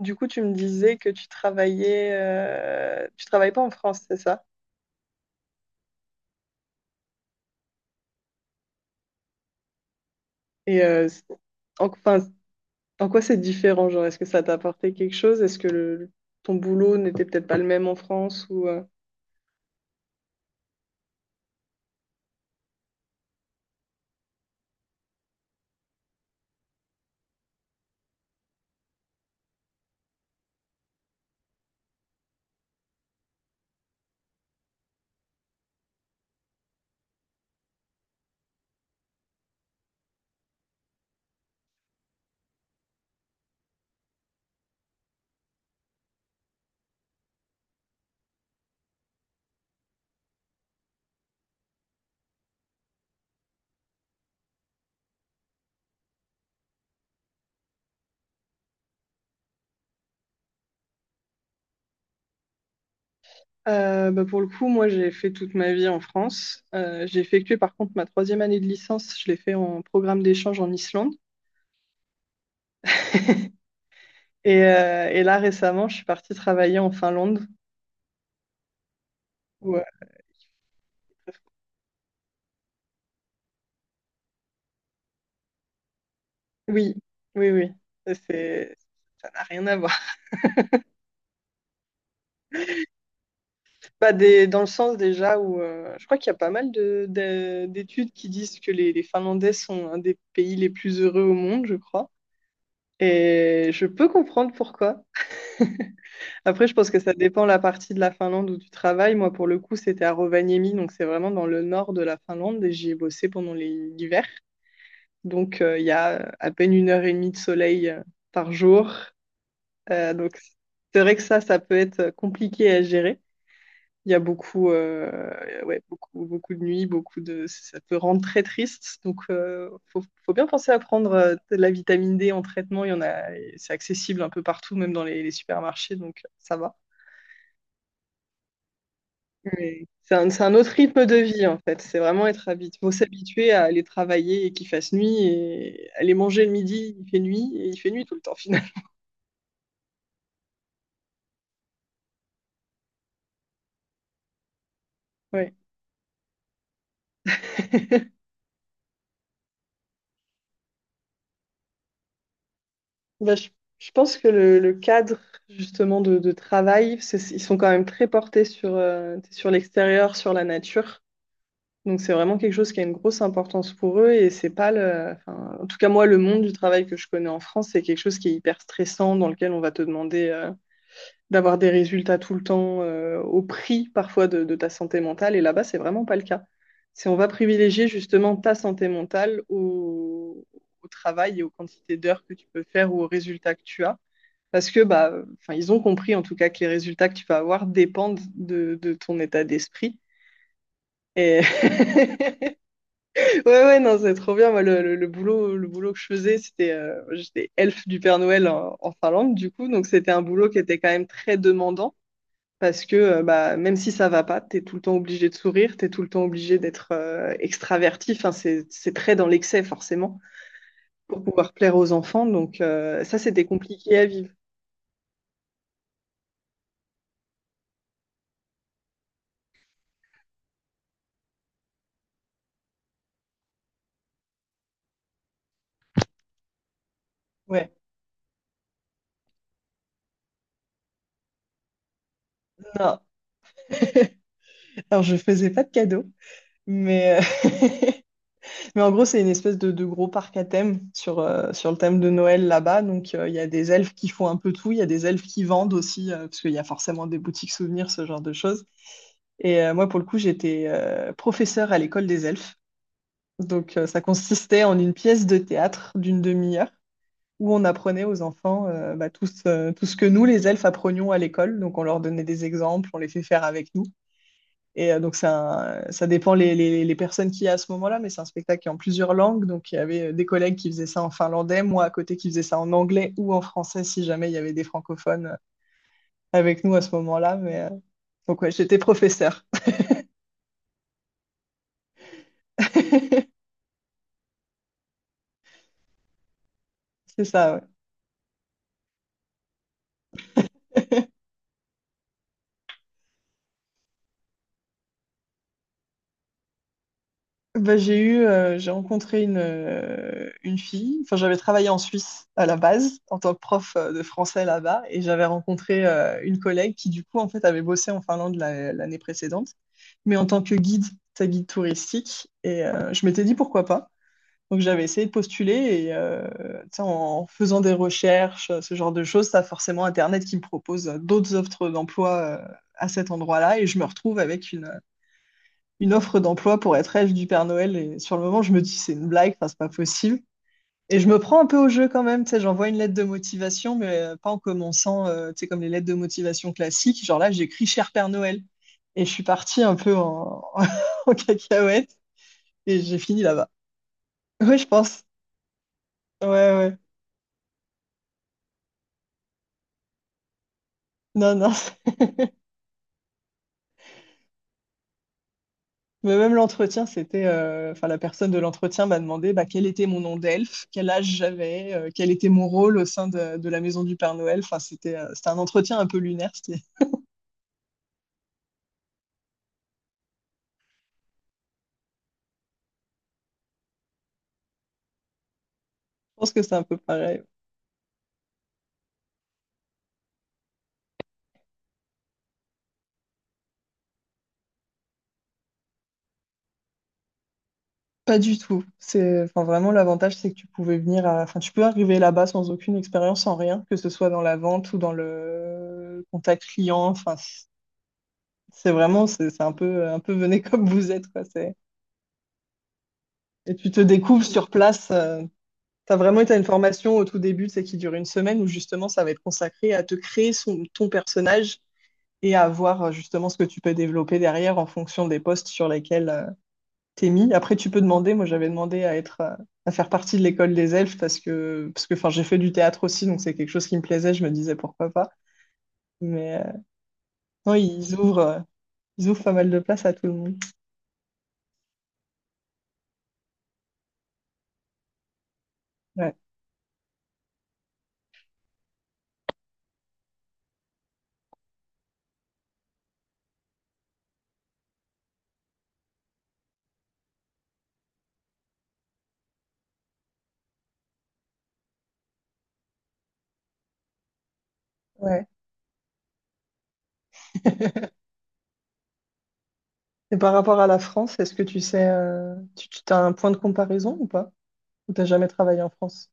Du coup, tu me disais que tu travailles pas en France, c'est ça? Et euh, c- enfin, en quoi c'est différent, genre, est-ce que ça t'a apporté quelque chose? Est-ce que ton boulot n'était peut-être pas le même en France ou Bah, pour le coup, moi, j'ai fait toute ma vie en France. J'ai effectué, par contre, ma troisième année de licence. Je l'ai fait en programme d'échange en Islande. Et là, récemment, je suis partie travailler en Finlande. où, euh, oui, oui, oui. Ça, C'est, Ça n'a rien à voir. Bah, dans le sens déjà où je crois qu'il y a pas mal d'études qui disent que les Finlandais sont un des pays les plus heureux au monde, je crois. Et je peux comprendre pourquoi. Après, je pense que ça dépend la partie de la Finlande où tu travailles. Moi, pour le coup, c'était à Rovaniemi, donc c'est vraiment dans le nord de la Finlande et j'y ai bossé pendant l'hiver. Il y a à peine 1 heure et demie de soleil par jour. Donc, c'est vrai que ça peut être compliqué à gérer. Il y a beaucoup, ouais, beaucoup, beaucoup de nuits, beaucoup de, ça peut rendre très triste. Donc, faut bien penser à prendre de la vitamine D en traitement. Il y en a, c'est accessible un peu partout, même dans les supermarchés, donc, ça va. Mais c'est un autre rythme de vie en fait. C'est vraiment être habitué. Faut s'habituer à aller travailler et qu'il fasse nuit et aller manger le midi, il fait nuit et il fait nuit tout le temps finalement. Ouais. Bah, je pense que le cadre justement de travail, ils sont quand même très portés sur l'extérieur, sur la nature. Donc c'est vraiment quelque chose qui a une grosse importance pour eux et c'est pas enfin, en tout cas moi, le monde du travail que je connais en France, c'est quelque chose qui est hyper stressant, dans lequel on va te demander, d'avoir des résultats tout le temps, au prix parfois de ta santé mentale. Et là-bas, c'est vraiment pas le cas. C'est on va privilégier justement ta santé mentale au, travail et aux quantités d'heures que tu peux faire ou aux résultats que tu as. Parce que bah, enfin, ils ont compris en tout cas que les résultats que tu vas avoir dépendent de ton état d'esprit. Et ouais, ouais, non, c'est trop bien. Moi, le boulot, le boulot que je faisais, c'était, j'étais elfe du Père Noël en Finlande, du coup. Donc, c'était un boulot qui était quand même très demandant parce que, bah, même si ça va pas, t'es tout le temps obligé de sourire, t'es tout le temps obligé d'être extraverti. Enfin, c'est très dans l'excès, forcément, pour pouvoir plaire aux enfants. Donc, ça, c'était compliqué à vivre. Ouais. Non. Alors, je faisais pas de cadeaux. Mais, euh, mais en gros, c'est une espèce de gros parc à thème sur le thème de Noël là-bas. Donc, il y a des elfes qui font un peu tout. Il y a des elfes qui vendent aussi, parce qu'il y a forcément des boutiques souvenirs, ce genre de choses. Moi, pour le coup, j'étais professeure à l'école des elfes. Donc, ça consistait en une pièce de théâtre d'une demi-heure où on apprenait aux enfants bah, tout, tout ce que nous, les elfes, apprenions à l'école. Donc, on leur donnait des exemples, on les fait faire avec nous. Donc, c'est ça dépend les personnes qu'il y a à ce moment-là, mais c'est un spectacle qui est en plusieurs langues. Donc, il y avait des collègues qui faisaient ça en finlandais, moi à côté qui faisais ça en anglais ou en français si jamais il y avait des francophones avec nous à ce moment-là. Donc, ouais, j'étais professeur. C'est ça, ouais. Bah, j'ai rencontré une fille. Enfin, j'avais travaillé en Suisse à la base en tant que prof de français là-bas, et j'avais rencontré une collègue qui du coup en fait avait bossé en Finlande l'année précédente, mais en tant que guide, sa guide touristique. Je m'étais dit pourquoi pas. Donc j'avais essayé de postuler et, tu sais, en faisant des recherches, ce genre de choses, ça forcément Internet qui me propose d'autres offres d'emploi à cet endroit-là, et je me retrouve avec une offre d'emploi pour être elfe du Père Noël. Et sur le moment, je me dis, c'est une blague, enfin, c'est pas possible. Et je me prends un peu au jeu quand même, tu sais, j'envoie une lettre de motivation, mais pas en commençant, tu sais, comme les lettres de motivation classiques. Genre là, j'écris Cher Père Noël. Et je suis partie un peu en cacahuète et j'ai fini là-bas. Oui, je pense. Ouais, ouais. Non, non. Mais même l'entretien, c'était, enfin, la personne de l'entretien m'a demandé bah, quel était mon nom d'elfe, quel âge j'avais, quel était mon rôle au sein de la maison du Père Noël. Enfin, c'était un entretien un peu lunaire. Je pense que c'est un peu pareil. Pas du tout. C'est, enfin, vraiment, l'avantage, c'est que tu pouvais enfin, tu peux arriver là-bas sans aucune expérience, sans rien, que ce soit dans la vente ou dans le contact client. Enfin, c'est vraiment, c'est un peu venez comme vous êtes, quoi. C'est. Et tu te découvres sur place. T'as vraiment été à une formation au tout début, c'est qui dure une semaine, où justement ça va être consacré à te créer ton personnage et à voir justement ce que tu peux développer derrière en fonction des postes sur lesquels t'es mis. Après, tu peux demander, moi j'avais demandé à être, à faire partie de l'école des elfes parce que, enfin, j'ai fait du théâtre aussi, donc c'est quelque chose qui me plaisait, je me disais pourquoi pas. Mais, non, ils ouvrent pas mal de place à tout le monde. Ouais. Ouais. Et par rapport à la France, est-ce que tu sais, tu as un point de comparaison ou pas? Ou t'as jamais travaillé en France?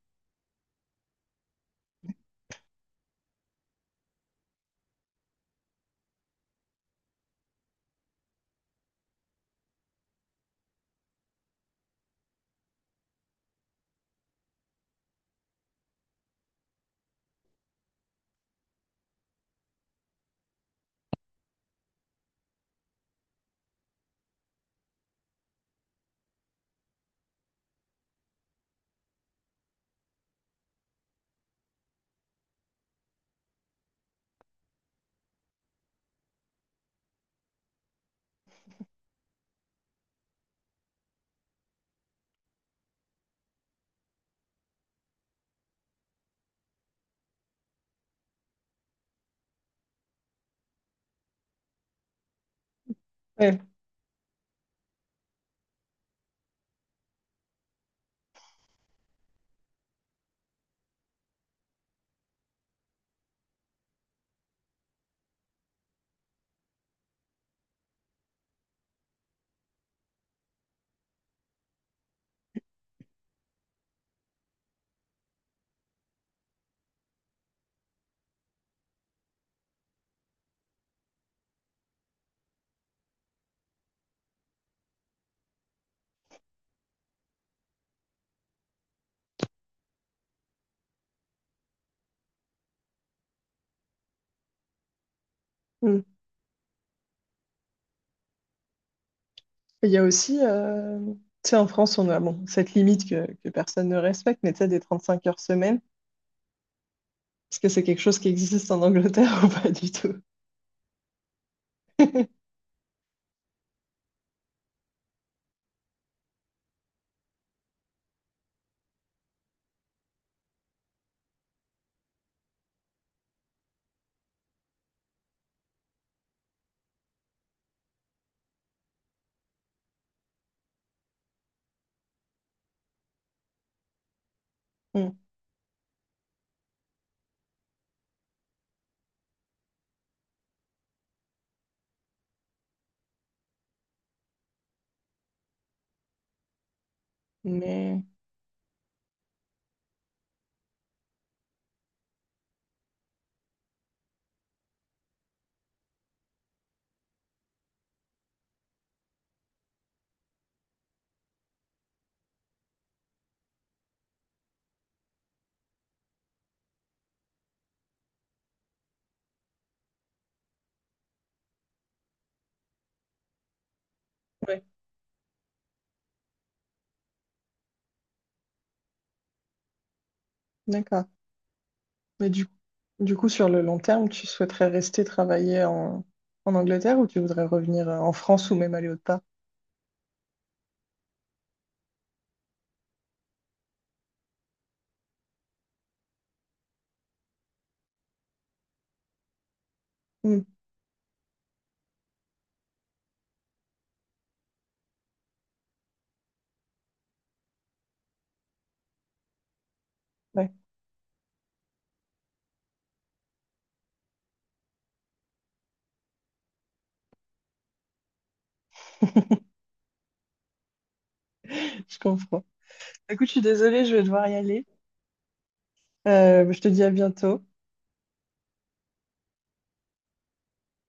Mm. Il y a aussi, tu sais, en France, on a bon, cette limite que personne ne respecte, mais tu sais, des 35 heures semaine, est-ce que c'est quelque chose qui existe en Angleterre ou pas du tout? Mm. Mais, ouais, d'accord. Mais du coup, sur le long terme, tu souhaiterais rester travailler en Angleterre ou tu voudrais revenir en France ou même aller autre part? Mm. Ouais, je comprends. Écoute, je suis désolée, je vais devoir y aller. Je te dis à bientôt.